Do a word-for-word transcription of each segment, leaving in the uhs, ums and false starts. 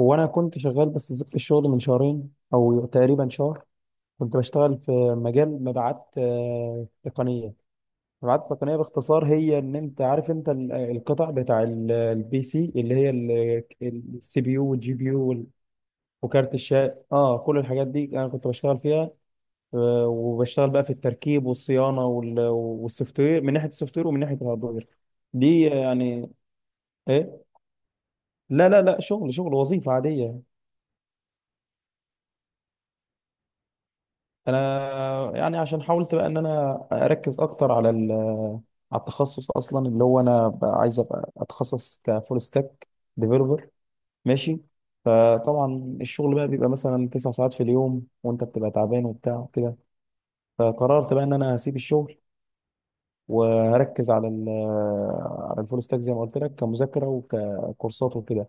هو انا كنت شغال، بس سبت الشغل من شهرين او تقريبا شهر. كنت بشتغل في مجال مبيعات آه، تقنيه. مبيعات تقنيه باختصار هي ان انت عارف انت ال- آه، القطع بتاع ال- البي سي اللي هي السي بي يو والجي بي يو وكارت الشاشه. اه كل الحاجات دي انا كنت بشتغل فيها. آه، وبشتغل بقى في التركيب والصيانه وال- والسوفت وير من ناحيه السوفت وير ومن ناحيه الهاردوير. دي آه، يعني ايه. لا لا لا، شغل شغل وظيفه عاديه. انا يعني عشان حاولت بقى ان انا اركز اكتر على ال- على التخصص اصلا، اللي هو انا بقى عايز ابقى اتخصص كفول ستاك ديفلوبر. ماشي. فطبعا الشغل بقى بيبقى مثلا تسع ساعات في اليوم، وانت بتبقى تعبان وبتاع كده. فقررت بقى ان انا هسيب الشغل وهركز على ال على الفول ستاك زي ما قلت لك، كمذاكره وككورسات وكده.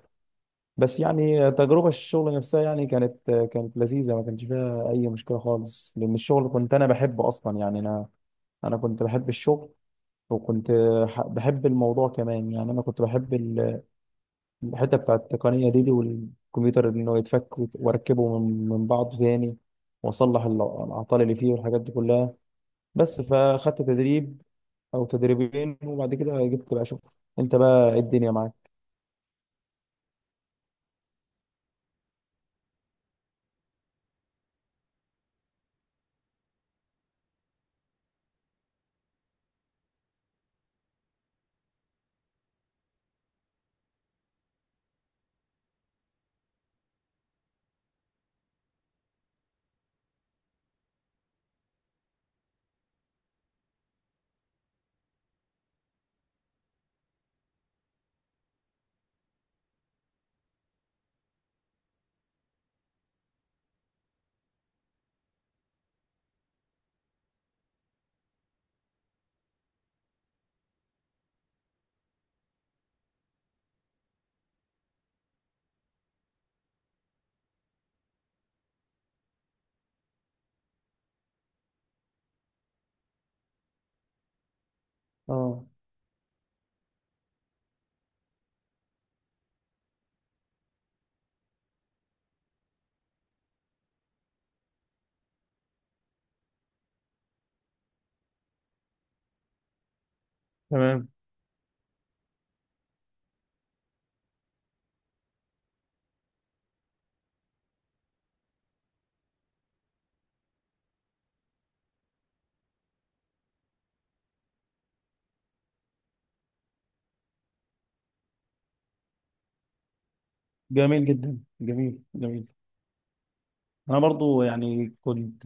بس يعني تجربه الشغل نفسها يعني كانت كانت لذيذه، ما كانش فيها اي مشكله خالص، لان الشغل كنت انا بحبه اصلا. يعني انا انا كنت بحب الشغل، وكنت ح- بحب الموضوع كمان. يعني انا كنت بحب ال- الحته بتاع التقنيه دي دي والكمبيوتر، انه يتفك وت- واركبه من من بعضه تاني، واصلح ال- الاعطال اللي فيه والحاجات دي كلها. بس فاخدت تدريب او تدريبين، وبعد كده جبت بقى شغل. انت بقى إيه الدنيا معاك؟ اه. تمام. جميل جدا، جميل، جميل. انا برضو يعني كنت،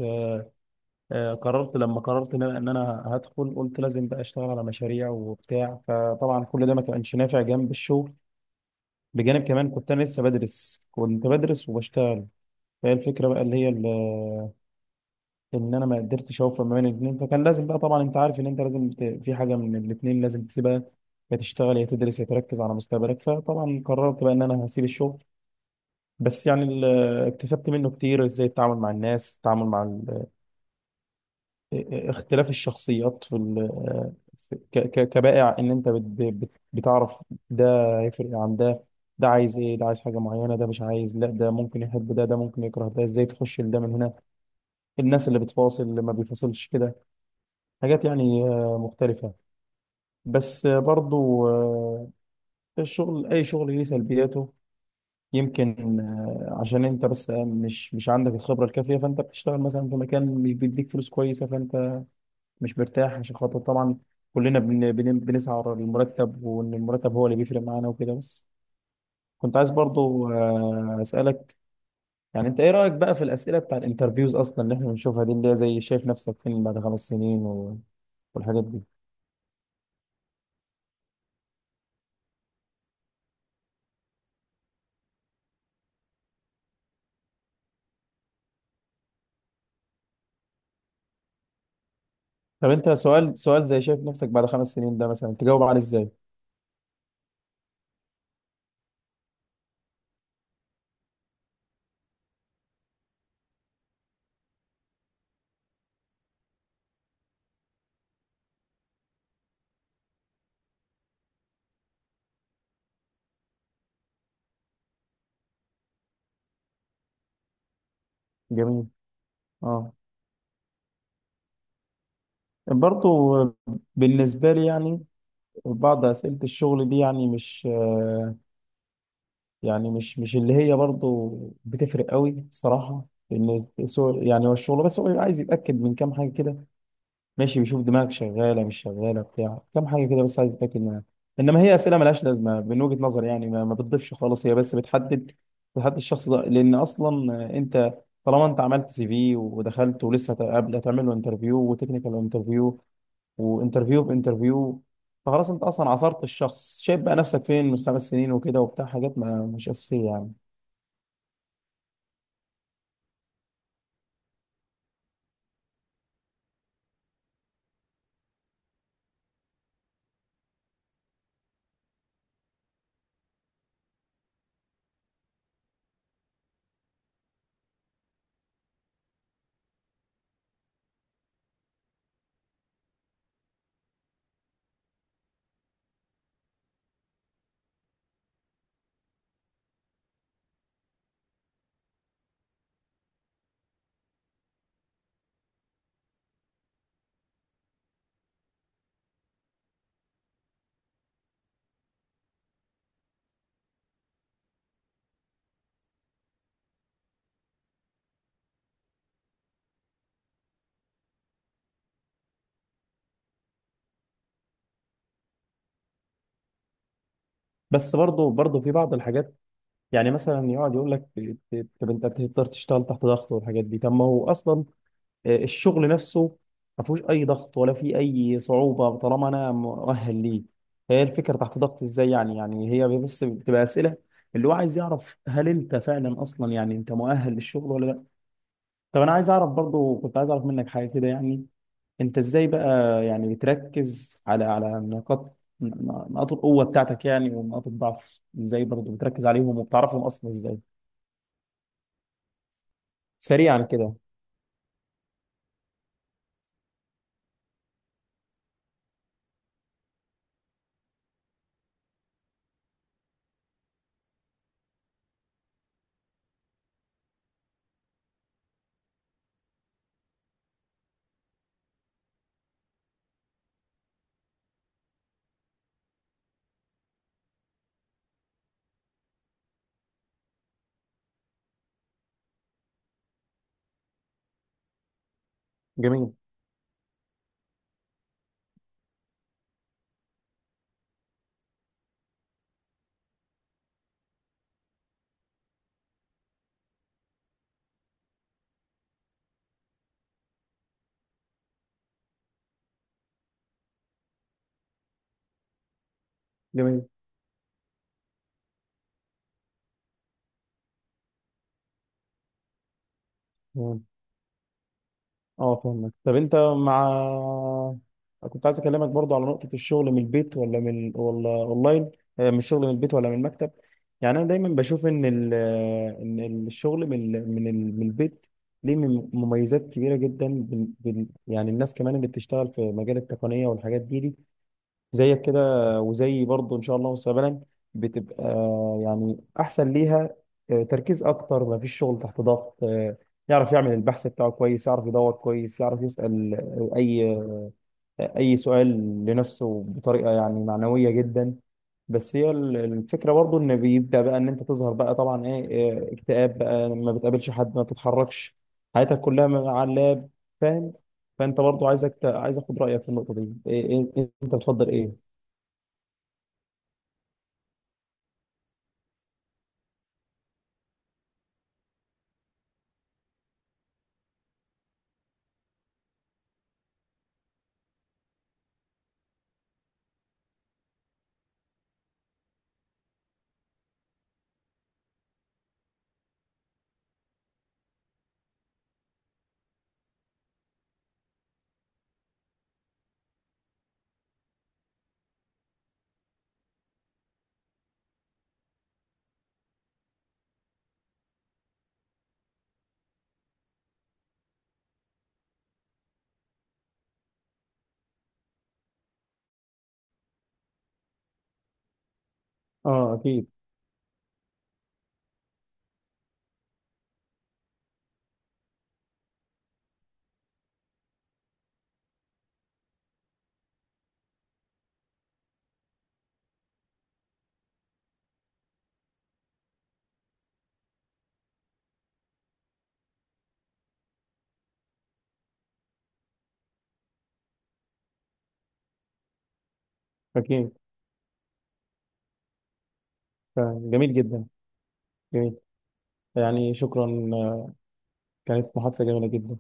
آه، قررت. لما قررت ان انا إن أنا هدخل، قلت لازم بقى اشتغل على مشاريع وبتاع. فطبعا كل ده ما كانش نافع جنب الشغل، بجانب كمان كنت انا لسه بدرس، كنت بدرس وبشتغل. فهي الفكره بقى اللي هي ال- ان انا ما قدرتش اوفق ما بين الاثنين. فكان لازم بقى، طبعا انت عارف ان انت لازم ت- في حاجه من الاثنين لازم تسيبها. يا تشتغل يا تدرس يا تركز على مستقبلك. فطبعا قررت بقى ان انا هسيب الشغل. بس يعني ال- اكتسبت منه كتير. ازاي التعامل مع الناس، التعامل مع اختلاف الشخصيات في ال ك- ك- كبائع. ان انت بت بت بتعرف ده هيفرق عن ده، ده عايز ايه، ده عايز حاجه معينه، ده مش عايز، لا ده ممكن يحب ده، ده ممكن يكره ده، ازاي تخش لده من هنا، الناس اللي بتفاصل اللي ما بيفاصلش كده، حاجات يعني آه، مختلفه. بس آه، برضو آه، الشغل، اي شغل ليه سلبياته. يمكن آه، عشان انت بس آه، مش مش عندك الخبره الكافيه، فانت بتشتغل مثلا في مكان مش بيديك فلوس كويسه، فانت مش مرتاح عشان خاطر طبعا. كلنا بن... بن... بنسعى ورا المرتب، وان المرتب هو اللي بيفرق معانا وكده بس. كنت عايز برضو آه، اسالك، يعني انت ايه رايك بقى في الاسئله بتاع الانترفيوز اصلا اللي احنا بنشوفها دي، اللي هي زي شايف نفسك فين بعد خمس سنين و... والحاجات دي. طب انت سؤال، سؤال زي شايف نفسك بعد خمس سنين ده مثلا تجاوب عليه ازاي؟ جميل. اه. برضو. بالنسبه لي يعني بعض اسئله الشغل دي يعني مش آه، يعني مش مش اللي هي برضو بتفرق قوي الصراحه. لان السوق- يعني هو الشغل بس هو عايز يتاكد من كام حاجه كده، ماشي، بيشوف دماغك شغاله مش شغاله بتاع كام حاجه كده بس، عايز يتاكد منها. انما هي اسئله ملهاش لازمه من وجهه نظري. يعني ما, ما بتضيفش خالص، هي بس بتحدد. بتحدد الشخص ده، لان اصلا انت طالما انت عملت سي في ودخلت ولسه هتقابل، هتعمل له انترفيو وتكنيكال انترفيو وانترفيو في انترفيو، فخلاص انت اصلا عصرت الشخص. شايف بقى نفسك فين من خمس سنين وكده وبتاع، حاجات ما مش اساسيه يعني. بس برضه برضه في بعض الحاجات. يعني مثلا يقعد يقول لك طب انت تقدر تشتغل تحت ضغط والحاجات دي. طب ما هو اصلا آه، الشغل نفسه ما فيهوش اي ضغط ولا فيه اي صعوبه طالما انا مؤهل ليه. هي الفكره تحت ضغط ازاي يعني. يعني هي بس بتبقى اسئله اللي هو عايز يعرف هل انت فعلا اصلا يعني انت مؤهل للشغل ولا لا. طب انا عايز اعرف برضه، كنت عايز اعرف منك حاجه كده يعني. انت ازاي بقى يعني بتركز على على نقاط ن- نقاط القوة بتاعتك يعني؟ ونقاط الضعف ازاي برضه بتركز عليهم وبتعرفهم اصلا ازاي؟ سريعا كده. جميل. جميل. مم. اه، فهمك. طب انت مع، كنت عايز اكلمك برضو على نقطة الشغل من البيت ولا من، ولا اونلاين. آه، من الشغل، من البيت ولا من المكتب. يعني انا دايما بشوف ان ال... آه، ان الشغل من من من البيت ليه مم- مميزات كبيرة جدا. بن... بن... يعني الناس كمان اللي بتشتغل في مجال التقنية والحاجات دي, دي زيك كده، وزي برضه ان شاء الله مستقبلا، بتبقى يعني احسن ليها. آه، تركيز اكتر، ما فيش شغل تحت ضغط. آه، يعرف يعمل البحث بتاعه كويس، يعرف يدور كويس، يعرف يسأل آه، اي آه، اي سؤال لنفسه بطريقة يعني معنوية جدا. بس هي ال- الفكرة برضه ان بيبدأ بقى ان انت تظهر بقى طبعا ايه آه، اكتئاب بقى، ما بتقابلش حد، ما بتتحركش، حياتك كلها على اللاب. فاهم؟ فانت برضه عايزك ت- عايز اخد رأيك في النقطة دي، إيه إيه انت بتفضل ايه؟ اه اكيد. اكيد. فجميل جدا، جميل، يعني شكرا. آه، كانت محادثة جميلة جدا.